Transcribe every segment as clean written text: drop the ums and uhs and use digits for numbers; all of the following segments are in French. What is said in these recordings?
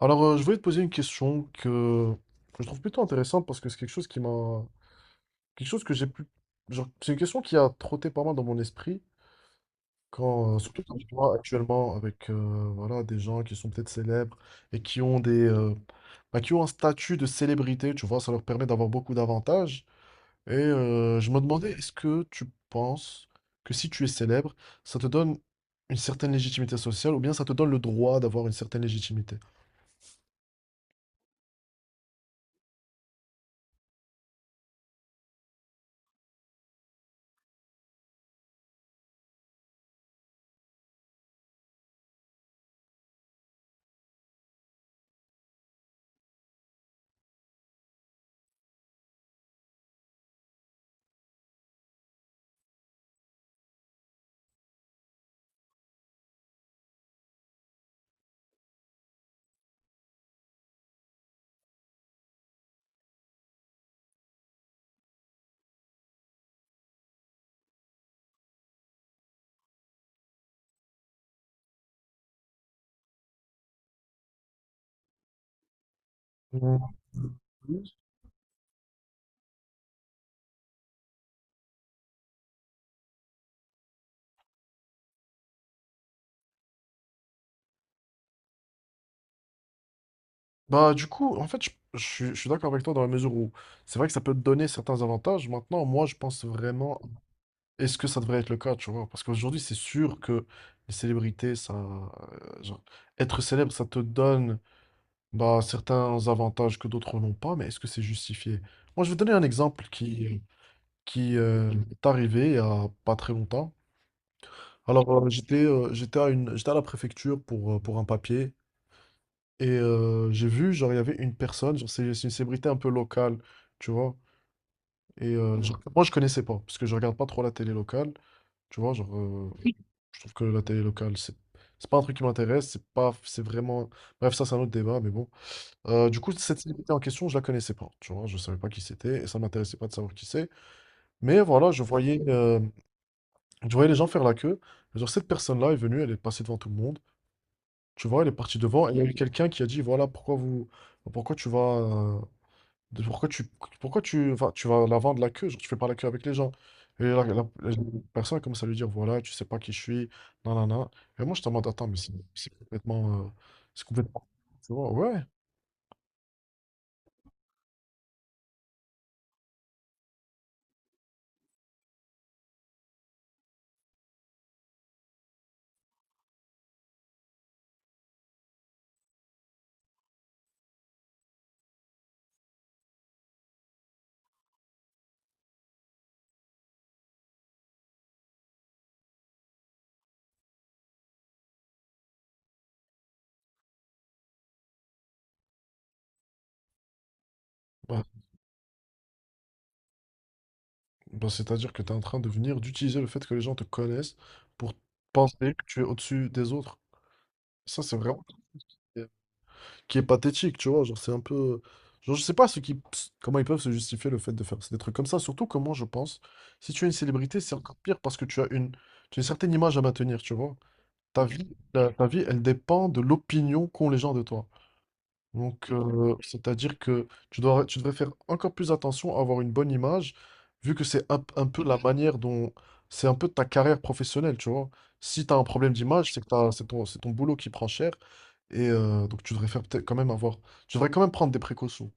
Je voulais te poser une question que je trouve plutôt intéressante parce que c'est quelque chose qui m'a. Quelque chose que j'ai pu. Genre, c'est une question qui a trotté pas mal dans mon esprit, surtout quand je vois actuellement avec voilà, des gens qui sont peut-être célèbres et qui ont qui ont un statut de célébrité, tu vois, ça leur permet d'avoir beaucoup d'avantages. Je me demandais, est-ce que tu penses que si tu es célèbre, ça te donne une certaine légitimité sociale, ou bien ça te donne le droit d'avoir une certaine légitimité? Mm. Bah, du coup, en fait, je suis d'accord avec toi dans la mesure où c'est vrai que ça peut te donner certains avantages. Maintenant, moi, je pense vraiment, est-ce que ça devrait être le cas, tu vois? Parce qu'aujourd'hui, c'est sûr que les célébrités, ça, genre, être célèbre, ça te donne. Bah, certains avantages que d'autres n'ont pas, mais est-ce que c'est justifié? Moi, je vais donner un exemple qui est arrivé il y a pas très longtemps. J'étais à la préfecture pour un papier j'ai vu, genre, il y avait une personne, genre, c'est une célébrité un peu locale, tu vois. Genre, moi, je connaissais pas, parce que je regarde pas trop la télé locale, tu vois. Je trouve que la télé locale, c'est pas un truc qui m'intéresse, c'est pas, c'est vraiment. Bref, ça, c'est un autre débat, mais bon. Du coup, cette célébrité en question, je la connaissais pas, tu vois? Je savais pas qui c'était et ça m'intéressait pas de savoir qui c'est. Mais voilà, je voyais les gens faire la queue. Et genre, cette personne-là est venue, elle est passée devant tout le monde, tu vois? Elle est partie devant et il y a eu quelqu'un qui a dit: «Voilà, pourquoi vous pourquoi tu vas, de pourquoi tu vas la vendre la queue? Genre, tu fais pas la queue avec les gens». Et la personne a commencé à lui dire: «Voilà, tu sais pas qui je suis, nanana». Et moi, je te demande: «Attends, mais c'est complètement» tu vois? Ouais. Ouais. Bah, c'est-à-dire que tu es en train de venir d'utiliser le fait que les gens te connaissent pour penser que tu es au-dessus des autres. Ça, c'est vraiment qui est pathétique, tu vois. Genre, c'est un peu. Genre, je sais pas ce qui... Comment ils peuvent se justifier le fait de faire des trucs comme ça? Surtout, comment je pense. Si tu es une célébrité, c'est encore pire parce que tu as une certaine image à maintenir, tu vois. Ta vie, Ta vie, elle dépend de l'opinion qu'ont les gens de toi. C'est-à-dire que tu devrais faire encore plus attention à avoir une bonne image, vu que c'est un peu la manière dont... C'est un peu ta carrière professionnelle, tu vois. Si tu as un problème d'image, c'est c'est c'est ton boulot qui prend cher. Tu devrais faire peut-être quand même avoir... Tu devrais quand même prendre des précautions.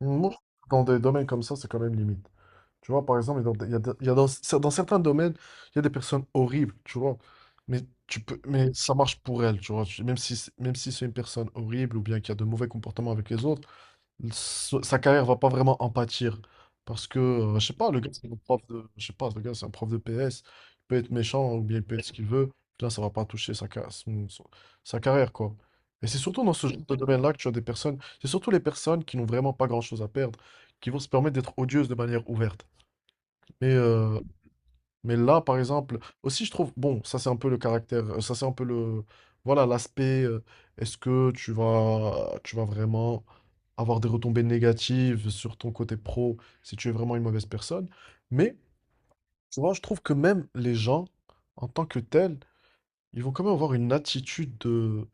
Moi, dans des domaines comme ça, c'est quand même limite. Tu vois, par exemple, dans- il y a, de- il y a dans, dans certains domaines, il y a des personnes horribles, tu vois. Mais tu peux, mais ça marche pour elles, tu vois. Même si c'est une personne horrible ou bien qui a de mauvais comportements avec les autres, sa carrière va pas vraiment en pâtir. Parce que, je sais pas, le gars, c'est un prof de, je sais pas, le gars, c'est un prof de PS. Il peut être méchant ou bien il peut être ce qu'il veut. Là, ça va pas toucher sa, ca- son- son- sa carrière, quoi. Et c'est surtout dans ce genre de domaine-là que tu as des personnes, c'est surtout les personnes qui n'ont vraiment pas grand-chose à perdre, qui vont se permettre d'être odieuses de manière ouverte. Mais, euh, mais là, par exemple, aussi, je trouve, bon, ça c'est un peu le caractère, ça c'est un peu le, voilà, est-ce que tu vas vraiment avoir des retombées négatives sur ton côté pro si tu es vraiment une mauvaise personne. Mais tu vois, je trouve que même les gens, en tant que tels, ils vont quand même avoir une attitude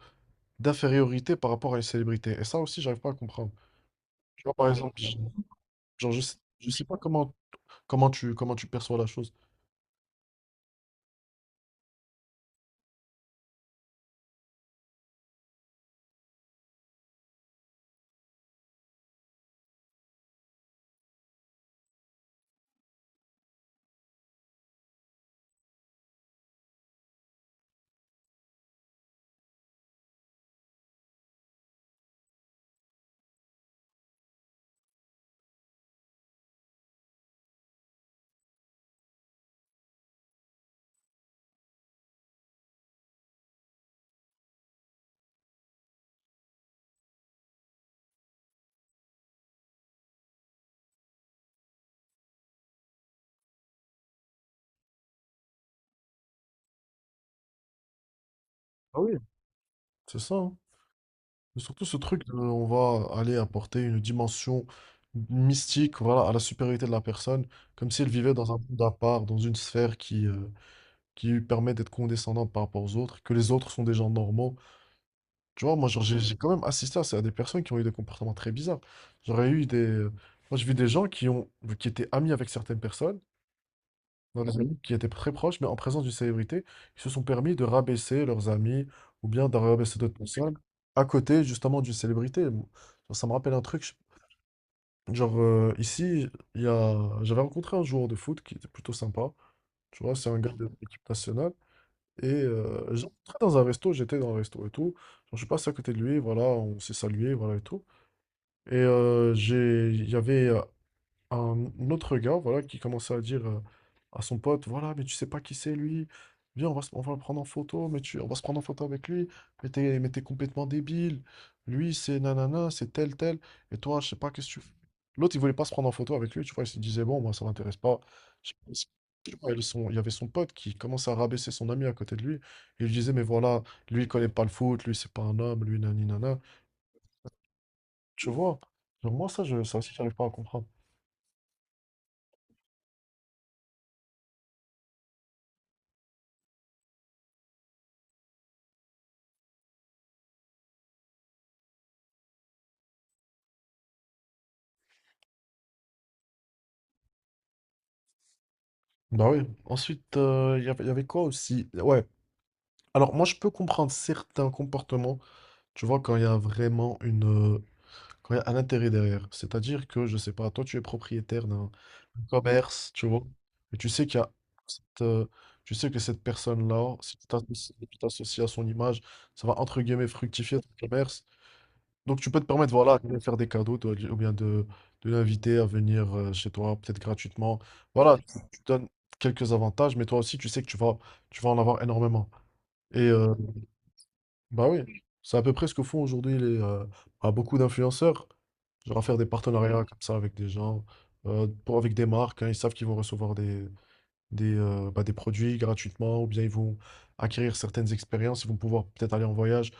d'infériorité par rapport à une célébrité. Et ça aussi, j'arrive pas à comprendre. Tu vois, par exemple, je sais pas comment tu perçois la chose. Ah oui. C'est ça, hein. Mais surtout, ce truc de, on va aller apporter une dimension mystique, voilà, à la supériorité de la personne, comme si elle vivait dans un monde à part, dans une sphère qui lui permet d'être condescendante par rapport aux autres, que les autres sont des gens normaux. Tu vois, moi, genre, j'ai quand même assisté à des personnes qui ont eu des comportements très bizarres. J'aurais eu des... Moi, j'ai vu des gens qui étaient amis avec certaines personnes, dans des amis qui étaient très proches, mais en présence d'une célébrité, ils se sont permis de rabaisser leurs amis ou bien de rabaisser d'autres personnes à côté, justement, d'une célébrité. Moi, ça me rappelle un truc. Ici, j'avais rencontré un joueur de foot qui était plutôt sympa, tu vois, c'est un gars de l'équipe nationale. J'étais dans un resto et tout. Genre, je suis passé à côté de lui, voilà, on s'est salué, voilà et tout. Il y avait un autre gars, voilà, qui commençait à dire à son pote: «Voilà, mais tu sais pas qui c'est lui, viens, on va le prendre en photo, on va se prendre en photo avec lui, mais t'es complètement débile, lui c'est nanana, c'est tel tel, et toi, je sais pas, qu'est-ce que tu fais». L'autre, il voulait pas se prendre en photo avec lui, tu vois, il se disait: «Bon, moi, ça m'intéresse pas». Je pense- je sais pas, il, son- Il y avait son pote qui commençait à rabaisser son ami à côté de lui, et il lui disait: «Mais voilà, lui, il connaît pas le foot, lui, c'est pas un homme, lui, nani nana». Tu vois, genre, moi, ça aussi, j'arrive pas à comprendre. Bah oui. Ensuite, y avait quoi aussi? Ouais. Alors, moi, je peux comprendre certains comportements, tu vois, quand il y a un intérêt derrière. C'est-à-dire que, je sais pas, toi, tu es propriétaire d'un commerce, tu vois, et tu sais qu'il y a cette, euh, cette personne-là, si tu t'associes à son image, ça va, entre guillemets, fructifier ton commerce. Donc tu peux te permettre, voilà, de lui faire des cadeaux, toi, de l'inviter à venir chez toi, peut-être gratuitement. Tu donnes quelques avantages, mais toi aussi, tu sais que tu vas en avoir énormément. Et euh, bah oui, c'est à peu près ce que font aujourd'hui beaucoup d'influenceurs. Genre, à faire des partenariats comme ça avec des gens, avec des marques, hein, ils savent qu'ils vont recevoir des produits gratuitement, ou bien ils vont acquérir certaines expériences, ils vont pouvoir peut-être aller en voyage.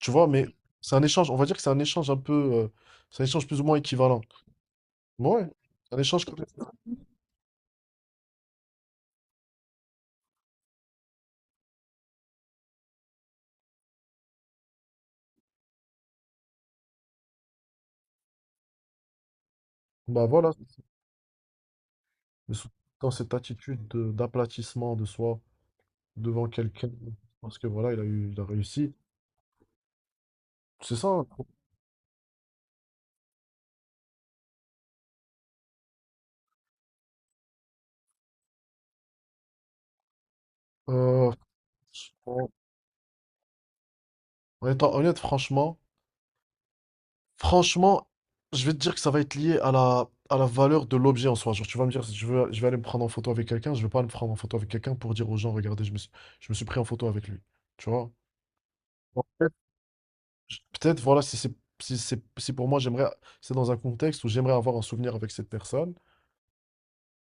Tu vois, mais c'est un échange, on va dire que c'est un échange un peu. C'est un échange plus ou moins équivalent. Ouais, un échange comme ça. Bah voilà, mais sous- dans cette attitude d'aplatissement de soi devant quelqu'un, parce que voilà, il a réussi. C'est ça, hein. Euh, en En étant honnête, franchement, franchement, je vais te dire que ça va être lié à à la valeur de l'objet en soi. Genre, tu vas me dire, si je veux, je vais aller me prendre en photo avec quelqu'un, je vais pas me prendre en photo avec quelqu'un pour dire aux gens: «Regardez, je me suis pris en photo avec lui». Tu vois? Peut-être, voilà, si c'est si c'est si pour moi j'aimerais c'est dans un contexte où j'aimerais avoir un souvenir avec cette personne.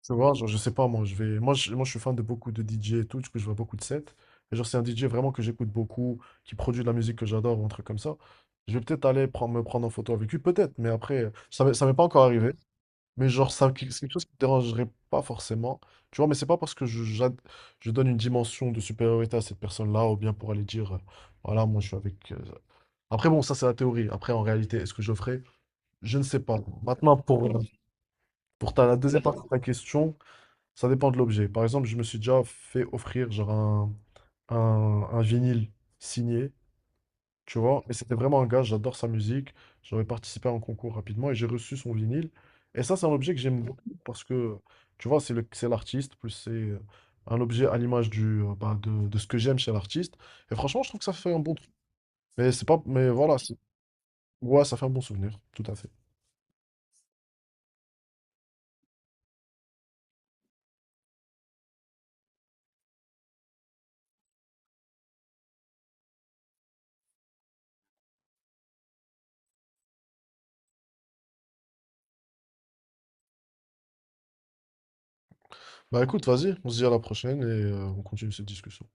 Tu vois, genre, je sais pas, moi je vais moi je suis fan de beaucoup de DJ et tout, du coup je vois beaucoup de sets. Et genre, c'est un DJ vraiment que j'écoute beaucoup, qui produit de la musique que j'adore, ou un truc comme ça. Je vais peut-être me prendre en photo avec lui, peut-être, mais après, ça m'est pas encore arrivé. Mais genre, c'est quelque chose qui me dérangerait pas forcément. Tu vois, mais c'est pas parce que je donne une dimension de supériorité à cette personne-là, ou bien pour aller dire, voilà, moi je suis avec. Après, bon, ça c'est la théorie. Après, en réalité, est-ce que je le ferai? Je ne sais pas. Maintenant, pour la deuxième partie de ta question, ça dépend de l'objet. Par exemple, je me suis déjà fait offrir genre un vinyle signé. Tu vois, mais c'était vraiment un gars, j'adore sa musique. J'avais participé à un concours rapidement et j'ai reçu son vinyle. Et ça, c'est un objet que j'aime beaucoup parce que, tu vois, c'est l'artiste, plus c'est un objet à l'image de ce que j'aime chez l'artiste. Et franchement, je trouve que ça fait un bon truc. Mais c'est pas, mais voilà, c'est- Ouais, ça fait un bon souvenir, tout à fait. Bah écoute, vas-y, on se dit à la prochaine et on continue cette discussion.